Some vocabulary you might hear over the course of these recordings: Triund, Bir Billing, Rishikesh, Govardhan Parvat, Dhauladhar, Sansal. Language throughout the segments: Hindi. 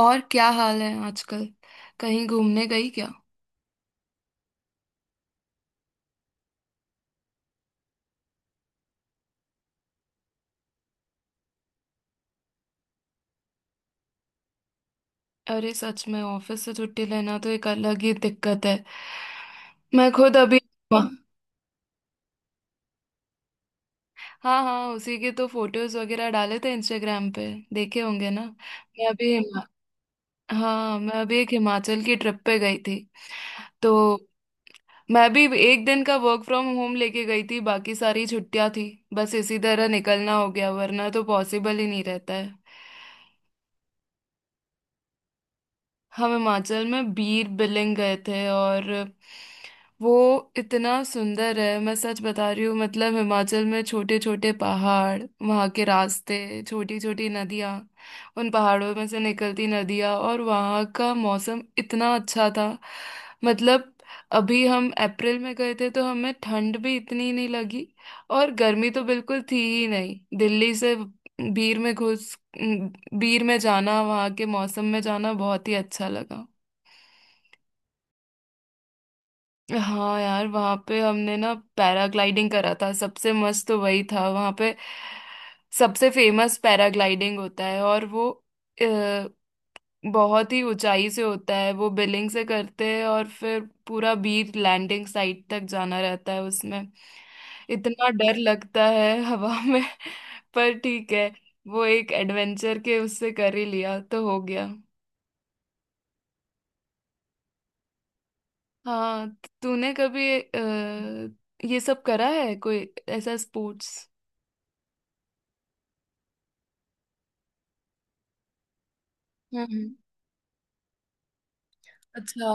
और क्या हाल है आजकल? कहीं घूमने गई क्या? अरे सच में ऑफिस से छुट्टी लेना तो एक अलग ही दिक्कत है। मैं खुद अभी। हाँ हाँ, उसी के तो फोटोज वगैरह डाले थे इंस्टाग्राम पे। देखे होंगे ना? मैं अभी हिमा- हाँ, मैं अभी एक हिमाचल की ट्रिप पे गई थी तो। मैं भी एक दिन का वर्क फ्रॉम होम लेके गई थी, बाकी सारी छुट्टियां थी। बस इसी तरह निकलना हो गया, वरना तो पॉसिबल ही नहीं रहता है। हम हिमाचल में बीर बिलिंग गए थे और वो इतना सुंदर है। मैं सच बता रही हूँ, मतलब हिमाचल में छोटे छोटे पहाड़, वहाँ के रास्ते, छोटी छोटी नदियाँ, उन पहाड़ों में से निकलती नदियाँ, और वहाँ का मौसम इतना अच्छा था। मतलब अभी हम अप्रैल में गए थे तो हमें ठंड भी इतनी नहीं लगी, और गर्मी तो बिल्कुल थी ही नहीं। दिल्ली से बीर में घुस बीर में जाना, वहाँ के मौसम में जाना बहुत ही अच्छा लगा। हाँ यार, वहाँ पे हमने ना पैराग्लाइडिंग करा था, सबसे मस्त तो वही था। वहाँ पे सबसे फेमस पैराग्लाइडिंग होता है, और वो अ, बहुत ही ऊंचाई से होता है। वो बिलिंग से करते हैं और फिर पूरा बीच लैंडिंग साइट तक जाना रहता है उसमें। इतना डर लगता है हवा में पर ठीक है। वो एक एडवेंचर के उससे कर ही लिया तो हो गया। हाँ, तूने कभी ये सब करा है, कोई ऐसा स्पोर्ट्स? हम्म। अच्छा।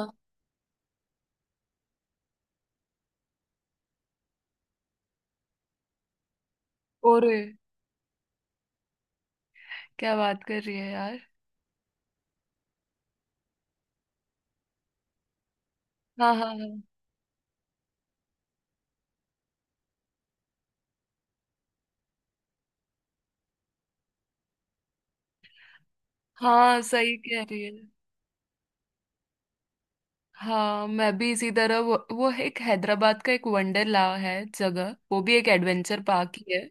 और क्या बात कर रही है यार। हाँ हाँ हाँ हाँ, सही कह रही है। हाँ, मैं भी इसी तरह वो एक हैदराबाद का एक वंडरला है जगह, वो भी एक एडवेंचर पार्क ही है।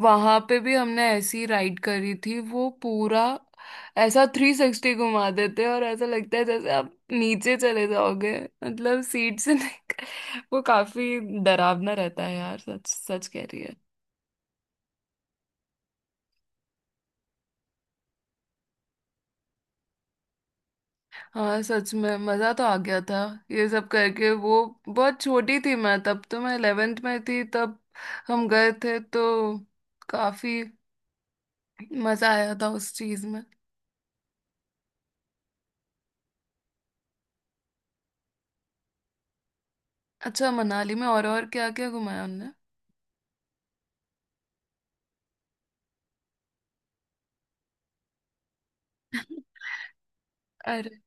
वहां पे भी हमने ऐसी राइड करी थी। वो पूरा ऐसा 360 घुमा देते हैं और ऐसा लगता है जैसे आप नीचे चले जाओगे, मतलब सीट से नहीं। वो काफी डरावना रहता है यार, सच सच कह रही है। हाँ सच में, मजा तो आ गया था ये सब करके। वो बहुत छोटी थी मैं तब, तो मैं 11th में थी तब हम गए थे, तो काफी मजा आया था उस चीज में। अच्छा, मनाली में और क्या क्या घुमाया उनने? अरे।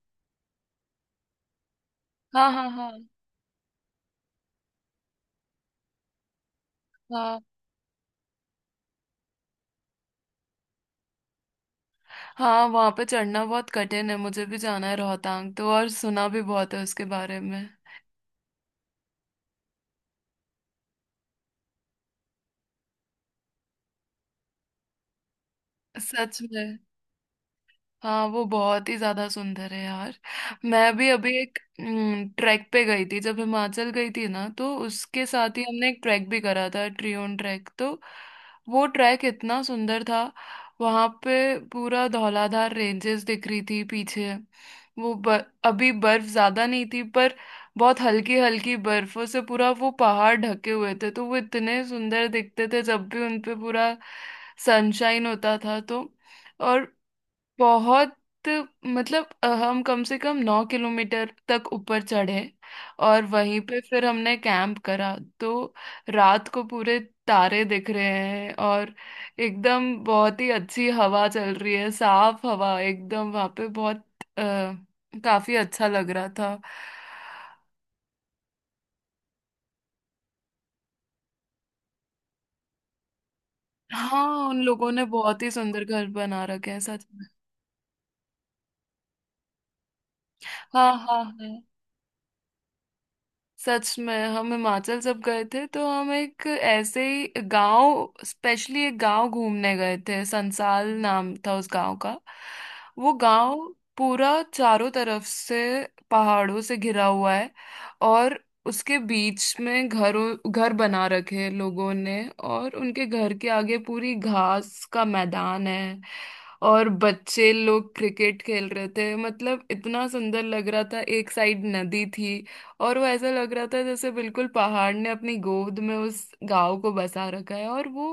हाँ हाँ हाँ हाँ हाँ। वहाँ पे चढ़ना बहुत कठिन है, मुझे भी जाना है रोहतांग तो, और सुना भी बहुत है उसके बारे में। सच में। हाँ, वो बहुत ही ज्यादा सुंदर है यार। मैं भी अभी एक ट्रैक पे गई थी, जब हिमाचल गई थी ना तो उसके साथ ही हमने एक ट्रैक भी करा था, ट्रियोन ट्रैक तो। वो ट्रैक इतना सुंदर था। वहां पे पूरा धौलाधार रेंजेस दिख रही थी पीछे। वो अभी बर्फ ज्यादा नहीं थी, पर बहुत हल्की हल्की बर्फों से पूरा वो पहाड़ ढके हुए थे, तो वो इतने सुंदर दिखते थे जब भी उनपे पूरा सनशाइन होता था तो। और बहुत, मतलब हम कम से कम 9 किलोमीटर तक ऊपर चढ़े, और वहीं पे फिर हमने कैंप करा तो। रात को पूरे तारे दिख रहे हैं और एकदम बहुत ही अच्छी हवा चल रही है, साफ हवा एकदम वहाँ पे, बहुत आ, काफी अच्छा लग रहा था। हाँ, उन लोगों ने बहुत ही सुंदर घर बना रखे हैं, सच में। हाँ हाँ हाँ। सच में, हम हिमाचल जब गए थे तो हम एक ऐसे ही गांव, स्पेशली एक गांव घूमने गए थे, संसाल नाम था उस गांव का। वो गांव पूरा चारों तरफ से पहाड़ों से घिरा हुआ है, और उसके बीच में घरों घर बना रखे हैं लोगों ने, और उनके घर के आगे पूरी घास का मैदान है, और बच्चे लोग क्रिकेट खेल रहे थे। मतलब इतना सुंदर लग रहा था, एक साइड नदी थी, और वो ऐसा लग रहा था जैसे बिल्कुल पहाड़ ने अपनी गोद में उस गांव को बसा रखा है, और वो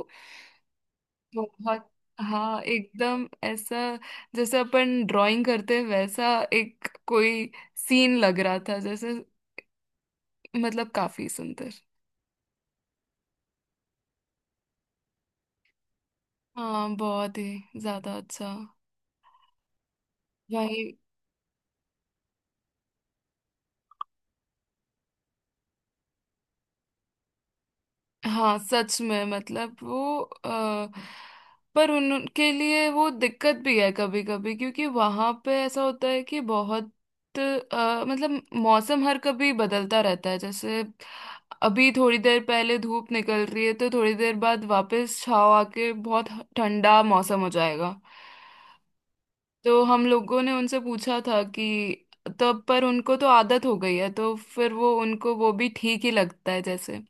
बहुत। हाँ एकदम ऐसा, जैसे अपन ड्राइंग करते हैं वैसा एक कोई सीन लग रहा था, जैसे मतलब काफी सुंदर। हाँ बहुत ही ज्यादा अच्छा। वही। हाँ सच में, मतलब वो आ, पर उनके लिए वो दिक्कत भी है कभी कभी, क्योंकि वहां पे ऐसा होता है कि बहुत मतलब मौसम हर कभी बदलता रहता है। जैसे अभी थोड़ी देर पहले धूप निकल रही है तो थोड़ी देर बाद वापस छाव आके बहुत ठंडा मौसम हो जाएगा। तो हम लोगों ने उनसे पूछा था कि तब, पर उनको तो आदत हो गई है, तो फिर वो, उनको वो भी ठीक ही लगता है, जैसे,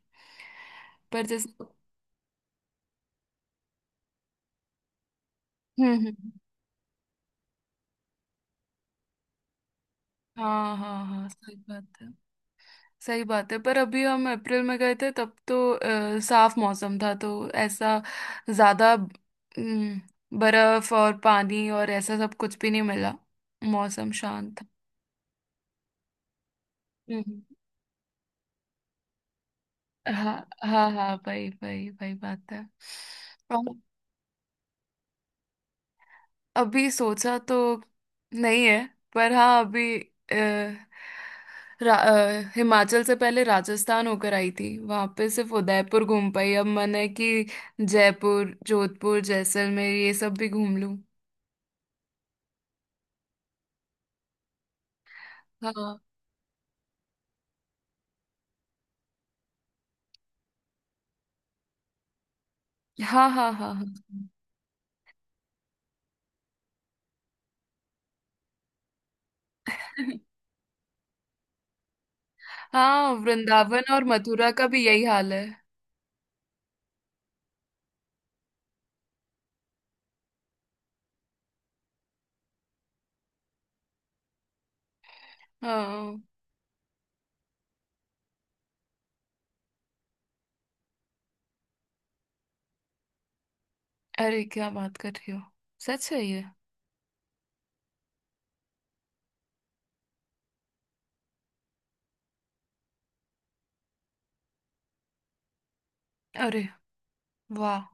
पर जैसे। हम्म। हाँ हाँ हाँ, सही बात है। सही बात है, पर अभी हम अप्रैल में गए थे तब तो साफ मौसम था, तो ऐसा ज्यादा बर्फ और पानी और ऐसा सब कुछ भी नहीं मिला, मौसम शांत था। हम्म। हाँ हाँ हाँ, भाई भाई भाई बात है। अभी सोचा तो नहीं है, पर हाँ अभी अ, हिमाचल से पहले राजस्थान होकर आई थी, वहां पे सिर्फ उदयपुर घूम पाई। अब मन है कि जयपुर, जोधपुर, जैसलमेर, ये सब भी घूम लूं। हाँ हाँ हाँ हाँ हाँ। हाँ, वृंदावन और मथुरा का भी यही हाल है। हाँ। अरे, क्या बात कर रही हो, सच है ये? अरे वाह।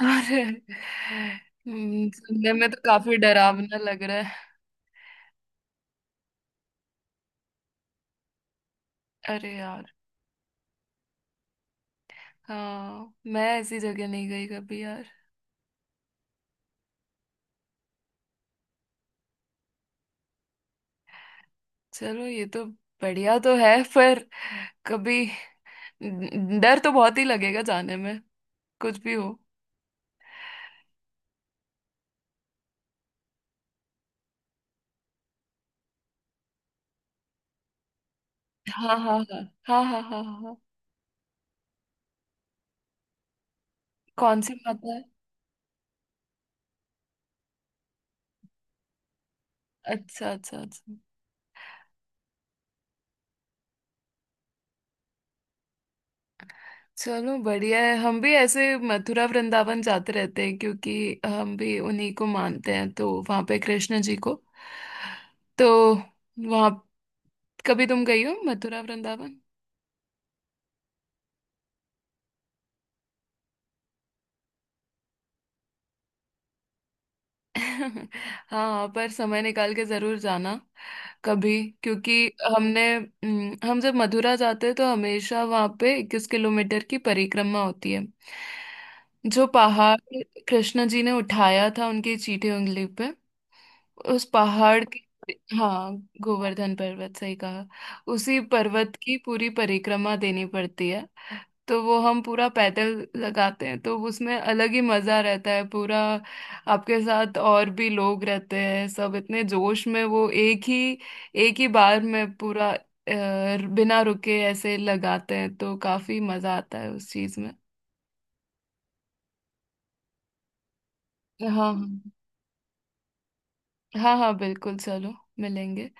अरे, सुनने में तो काफी डरावना लग रहा है। अरे यार। हाँ, मैं ऐसी जगह नहीं गई कभी यार। चलो, ये तो बढ़िया तो है, पर कभी डर तो बहुत ही लगेगा जाने में, कुछ भी हो। हाँ हाँ हाँ हाँ हाँ हाँ हाँ हाँ। कौन सी माता है? अच्छा अच्छा अच्छा। चलो बढ़िया है, हम भी ऐसे मथुरा वृंदावन जाते रहते हैं क्योंकि हम भी उन्हीं को मानते हैं, तो वहाँ पे कृष्ण जी को। तो वहाँ कभी तुम गई हो मथुरा वृंदावन? हाँ, पर समय निकाल के जरूर जाना कभी, क्योंकि हमने हम जब मथुरा जाते हैं तो हमेशा वहाँ पे 21 किलोमीटर की परिक्रमा होती है। जो पहाड़ कृष्ण जी ने उठाया था उनकी चीठी उंगली पे, उस पहाड़ की। हाँ, गोवर्धन पर्वत, सही कहा। उसी पर्वत की पूरी परिक्रमा देनी पड़ती है, तो वो हम पूरा पैदल लगाते हैं, तो उसमें अलग ही मजा रहता है। पूरा आपके साथ और भी लोग रहते हैं, सब इतने जोश में, वो एक ही बार में पूरा बिना रुके ऐसे लगाते हैं, तो काफी मजा आता है उस चीज में। हाँ हाँ हाँ, बिल्कुल, चलो मिलेंगे।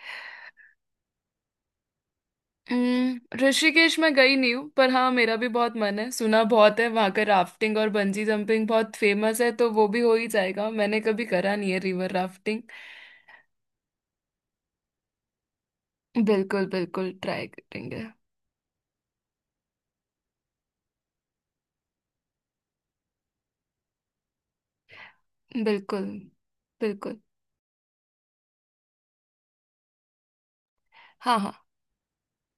ऋषिकेश में गई नहीं हूँ, पर हाँ मेरा भी बहुत मन है। सुना बहुत है, वहाँ का राफ्टिंग और बंजी जंपिंग बहुत फेमस है, तो वो भी हो ही जाएगा, मैंने कभी करा नहीं है रिवर राफ्टिंग। बिल्कुल बिल्कुल ट्राई करेंगे। बिल्कुल बिल्कुल। हाँ हाँ